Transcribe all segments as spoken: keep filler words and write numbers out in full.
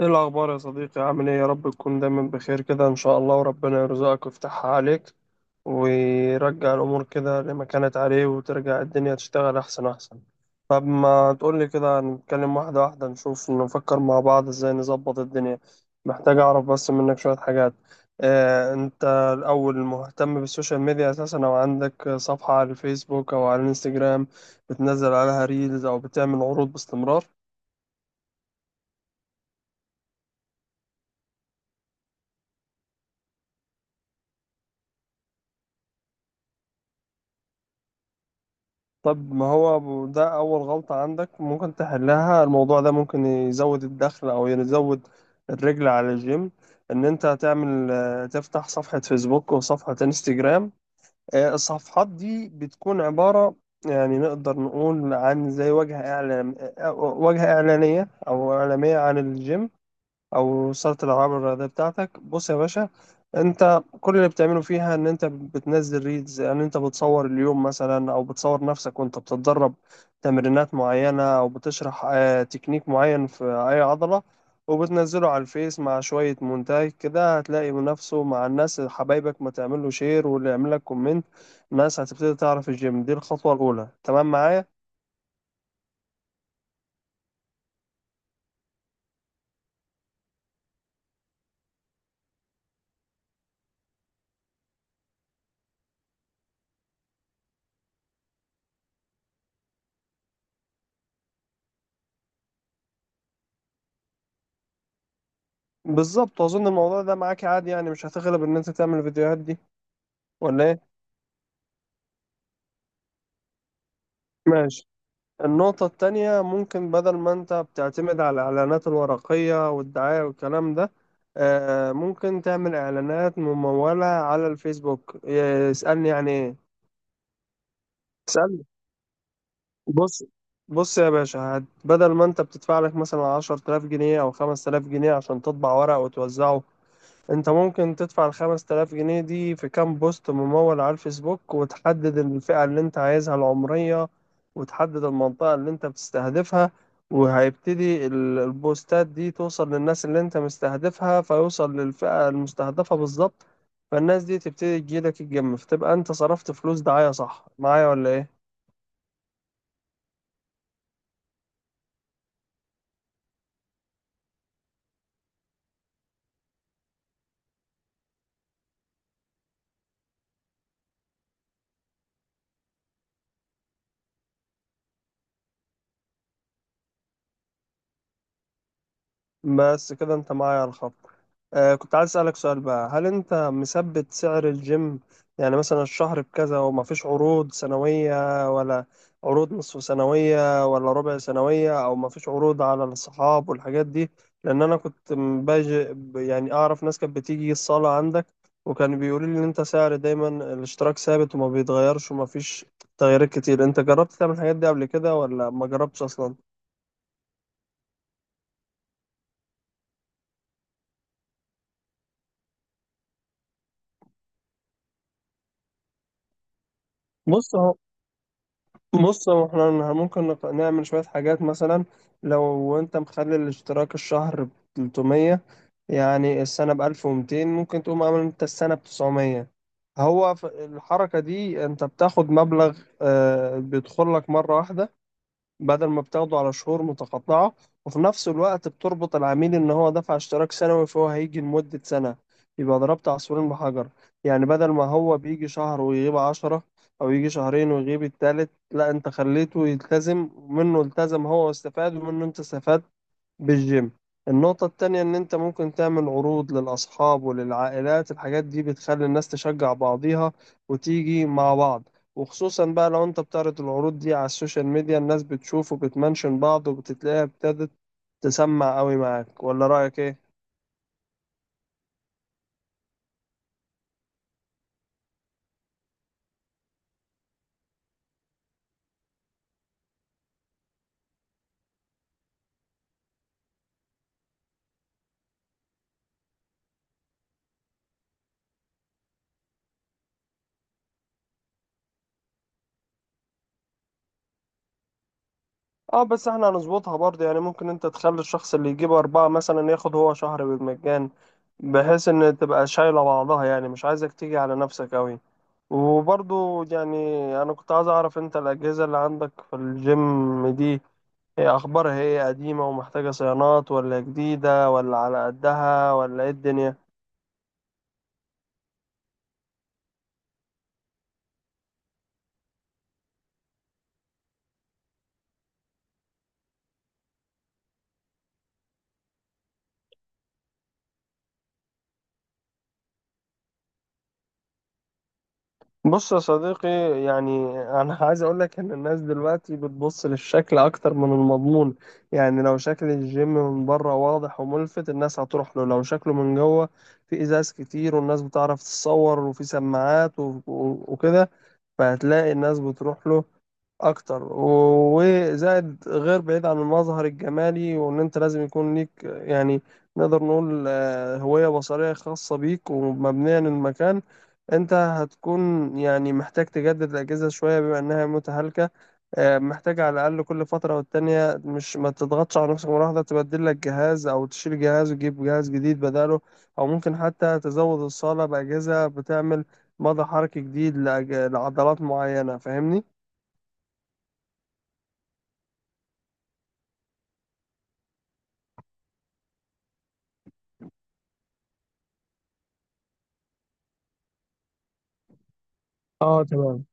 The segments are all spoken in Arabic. ايه الاخبار يا صديقي؟ عامل ايه؟ يا رب تكون دايما بخير كده ان شاء الله، وربنا يرزقك ويفتحها عليك ويرجع الامور كده لما كانت عليه، وترجع الدنيا تشتغل احسن احسن. طب ما تقول لي كده، نتكلم واحده واحده، نشوف نفكر مع بعض ازاي نظبط الدنيا. محتاج اعرف بس منك شويه حاجات. آه، انت الاول مهتم بالسوشيال ميديا اساسا، او عندك صفحه على الفيسبوك او على الانستجرام بتنزل عليها ريلز او بتعمل عروض باستمرار؟ طب ما هو ب- ده أول غلطة عندك ممكن تحلها. الموضوع ده ممكن يزود الدخل أو يزود الرجل على الجيم. إن أنت هتعمل، آه، تفتح صفحة فيسبوك وصفحة انستجرام. آه، الصفحات دي بتكون عبارة، يعني نقدر نقول، عن زي وجهة إعلان، آه، وجهة إعلانية أو إعلامية عن الجيم او صاله الالعاب الرياضيه بتاعتك. بص يا باشا، انت كل اللي بتعمله فيها ان انت بتنزل ريلز، يعني انت بتصور اليوم مثلا، او بتصور نفسك وانت بتتدرب تمرينات معينه، او بتشرح آه، تكنيك معين في اي عضله وبتنزله على الفيس مع شويه مونتاج كده، هتلاقي نفسه مع الناس، حبايبك ما تعمل له شير واللي يعمل لك كومنت، الناس هتبتدي تعرف الجيم. دي الخطوه الاولى، تمام معايا؟ بالظبط. واظن الموضوع ده معاك عادي، يعني مش هتغلب ان انت تعمل الفيديوهات دي ولا ايه؟ ماشي. النقطة التانية، ممكن بدل ما انت بتعتمد على الإعلانات الورقية والدعاية والكلام ده، آه، ممكن تعمل إعلانات ممولة على الفيسبوك. آه، اسألني يعني ايه. اسألني. بص. بص يا باشا، هت- بدل ما انت بتدفع لك مثلا عشرة آلاف جنيه أو خمسة آلاف جنيه عشان تطبع ورق وتوزعه، انت ممكن تدفع الخمس تلاف جنيه دي في كام بوست ممول على الفيسبوك، وتحدد الفئة اللي انت عايزها العمرية، وتحدد المنطقة اللي انت بتستهدفها، وهيبتدي ال- البوستات دي توصل للناس اللي انت مستهدفها، فيوصل للفئة المستهدفة بالظبط. فالناس دي تبتدي تجيلك الجيم، فتبقى انت صرفت فلوس دعاية. صح معايا ولا ايه؟ بس كده انت معايا على الخط. آه، كنت عايز اسألك سؤال بقى، هل انت مثبت سعر الجيم؟ يعني مثلا الشهر بكذا، وما فيش عروض سنوية ولا عروض نصف سنوية ولا ربع سنوية، او ما فيش عروض على الصحاب والحاجات دي؟ لان انا كنت م- باجي ب- يعني اعرف ناس كانت بتيجي الصالة عندك، وكان بيقولوا لي ان انت سعر دايما الاشتراك ثابت وما بيتغيرش، وما فيش تغييرات كتير. انت جربت تعمل الحاجات دي قبل كده، ولا ما جربتش اصلا؟ بص هو بص هو، احنا ن- ممكن نق- نعمل شوية حاجات مثلا. لو انت مخلي الاشتراك الشهر ب ثلاثمية، يعني السنة ب ألف ومئتين، ممكن تقوم عامل انت السنة ب تسعمية. هو في الحركة دي انت بتاخد مبلغ آه، بيدخل لك مرة واحدة بدل ما بتاخده على شهور متقطعة، وفي نفس الوقت بتربط العميل إن هو دفع اشتراك سنوي، فهو هيجي لمدة سنة. يبقى ضربت عصفورين بحجر. يعني بدل ما هو بيجي شهر ويغيب عشرة، أو يجي شهرين ويغيب التالت، لا أنت خليته يلتزم، منه التزم هو واستفاد، ومنه أنت استفاد بالجيم. النقطة التانية، إن أنت ممكن تعمل عروض للأصحاب وللعائلات. الحاجات دي بتخلي الناس تشجع بعضيها وتيجي مع بعض، وخصوصا بقى لو أنت بتعرض العروض دي على السوشيال ميديا، الناس بتشوف وبتمنشن بعض، وبتتلاقيها ابتدت تسمع قوي. معاك ولا رأيك إيه؟ اه، بس احنا هنظبطها برضه، يعني ممكن انت تخلي الشخص اللي يجيب أربعة مثلا ياخد هو شهر بالمجان، بحيث إن تبقى شايلة بعضها. يعني مش عايزك تيجي على نفسك أوي. وبرضو يعني، أنا كنت عايز أعرف، أنت الأجهزة اللي عندك في الجيم دي، هي أخبارها إيه؟ قديمة ومحتاجة صيانات، ولا جديدة، ولا على قدها، ولا إيه الدنيا؟ بص يا صديقي، يعني أنا عايز أقولك إن الناس دلوقتي بتبص للشكل أكتر من المضمون. يعني لو شكل الجيم من بره واضح وملفت، الناس هتروح له. لو شكله من جوه في إزاز كتير والناس بتعرف تتصور، وفي سماعات، و- و- وكده، فهتلاقي الناس بتروح له اكتر. و- وزائد غير بعيد عن المظهر الجمالي، وان انت لازم يكون ليك، يعني نقدر نقول، آه، هوية بصرية خاصة بيك ومبنية للمكان. انت هتكون يعني محتاج تجدد الاجهزة شوية بما انها متهالكة. آه، محتاج على الاقل كل فترة والتانية، مش ما تضغطش على نفسك مرة واحدة، تبدل لك جهاز، او تشيل جهاز وتجيب جهاز جديد بداله. او ممكن حتى تزود الصالة باجهزة بتعمل مدى حركي جديد لأج- لعضلات معينة. فاهمني؟ اه تمام.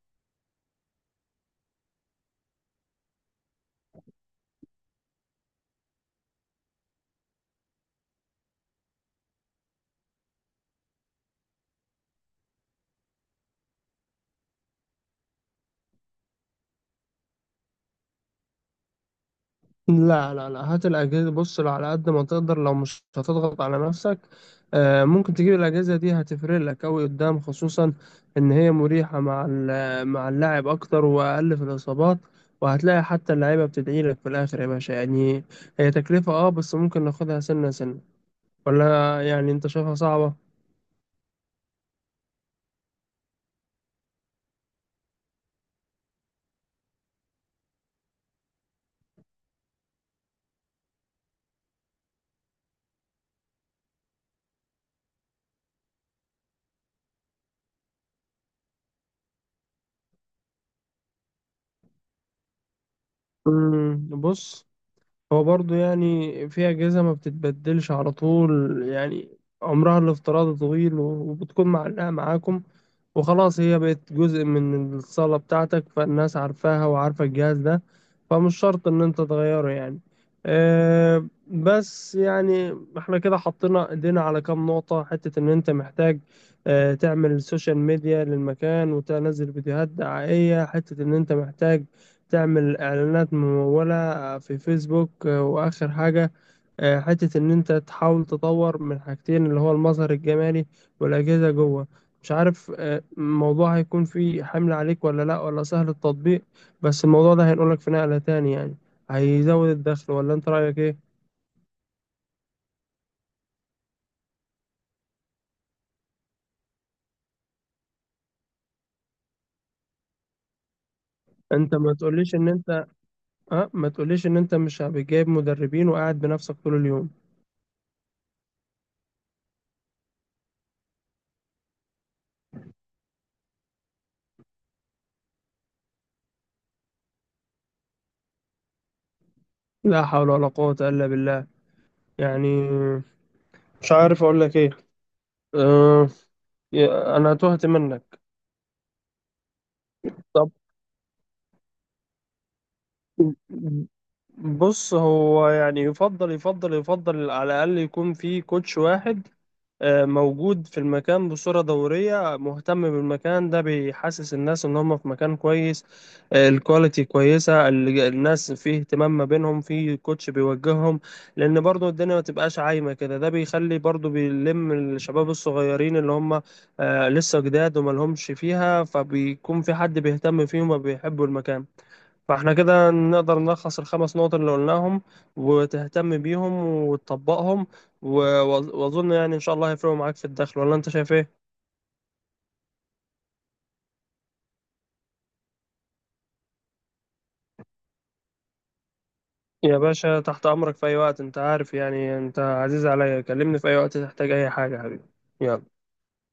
لا لا لا، هات الأجهزة. بص، لو على قد ما تقدر، لو مش هتضغط على نفسك، آه، ممكن تجيب الأجهزة دي، هتفرق لك أوي قدام، خصوصا إن هي مريحة مع ال- مع اللاعب أكتر وأقل في الإصابات، وهتلاقي حتى اللعيبة بتدعي لك في الآخر يا باشا، يعني. هي تكلفة، أه، بس ممكن ناخدها سنة سنة. ولا يعني أنت شايفها صعبة؟ مم، بص، هو برضه يعني في أجهزة ما بتتبدلش على طول، يعني عمرها الافتراضي طويل، و- وبتكون معلقة معاكم وخلاص، هي بقت جزء من الصالة بتاعتك، فالناس عارفاها وعارفة الجهاز ده، فمش شرط إن أنت تغيره يعني. أه، بس يعني احنا كده حطينا ايدينا على كام نقطة. حتة إن أنت محتاج أه تعمل سوشيال ميديا للمكان وتنزل فيديوهات دعائية، حتة إن أنت محتاج تعمل اعلانات ممولة آه، في فيسبوك، آه، واخر حاجة آه، حتة ان انت تحاول تطور من حاجتين، اللي هو المظهر الجمالي والاجهزة جوه. مش عارف آه، الموضوع هيكون فيه حمل عليك ولا لا، ولا سهل التطبيق، بس الموضوع ده هينقلك في نقلة تاني يعني، هيزود الدخل. ولا انت رأيك ايه؟ انت ما تقوليش ان انت، اه ما تقوليش ان انت مش بتجيب مدربين وقاعد بنفسك طول اليوم؟ لا حول ولا قوة الا بالله. يعني مش عارف اقول لك ايه. آه، يا- أنا تهت منك. طب بص، هو يعني يفضل يفضل يفضل على الأقل يكون في كوتش واحد آه، موجود في المكان بصورة دورية، مهتم بالمكان ده، بيحسس الناس ان هم في مكان كويس، آه، الكواليتي كويسة، ال- الناس فيه اهتمام ما بينهم، في كوتش بيوجههم، لان برضو الدنيا ما تبقاش عايمة كده. ده بيخلي برضو، بيلم الشباب الصغيرين اللي هم آه، لسه جداد وما لهمش فيها، فبيكون في حد بيهتم فيهم وبيحبوا المكان. فاحنا كده نقدر نلخص الخمس نقط اللي قلناهم، وتهتم بيهم، وتطبقهم، و- وأظ- واظن يعني ان شاء الله هيفرقوا معاك في الدخل. ولا انت شايف ايه؟ يا باشا تحت امرك في اي وقت، انت عارف، يعني انت عزيز عليا، كلمني في اي وقت تحتاج اي حاجة يا حبيبي. يلا.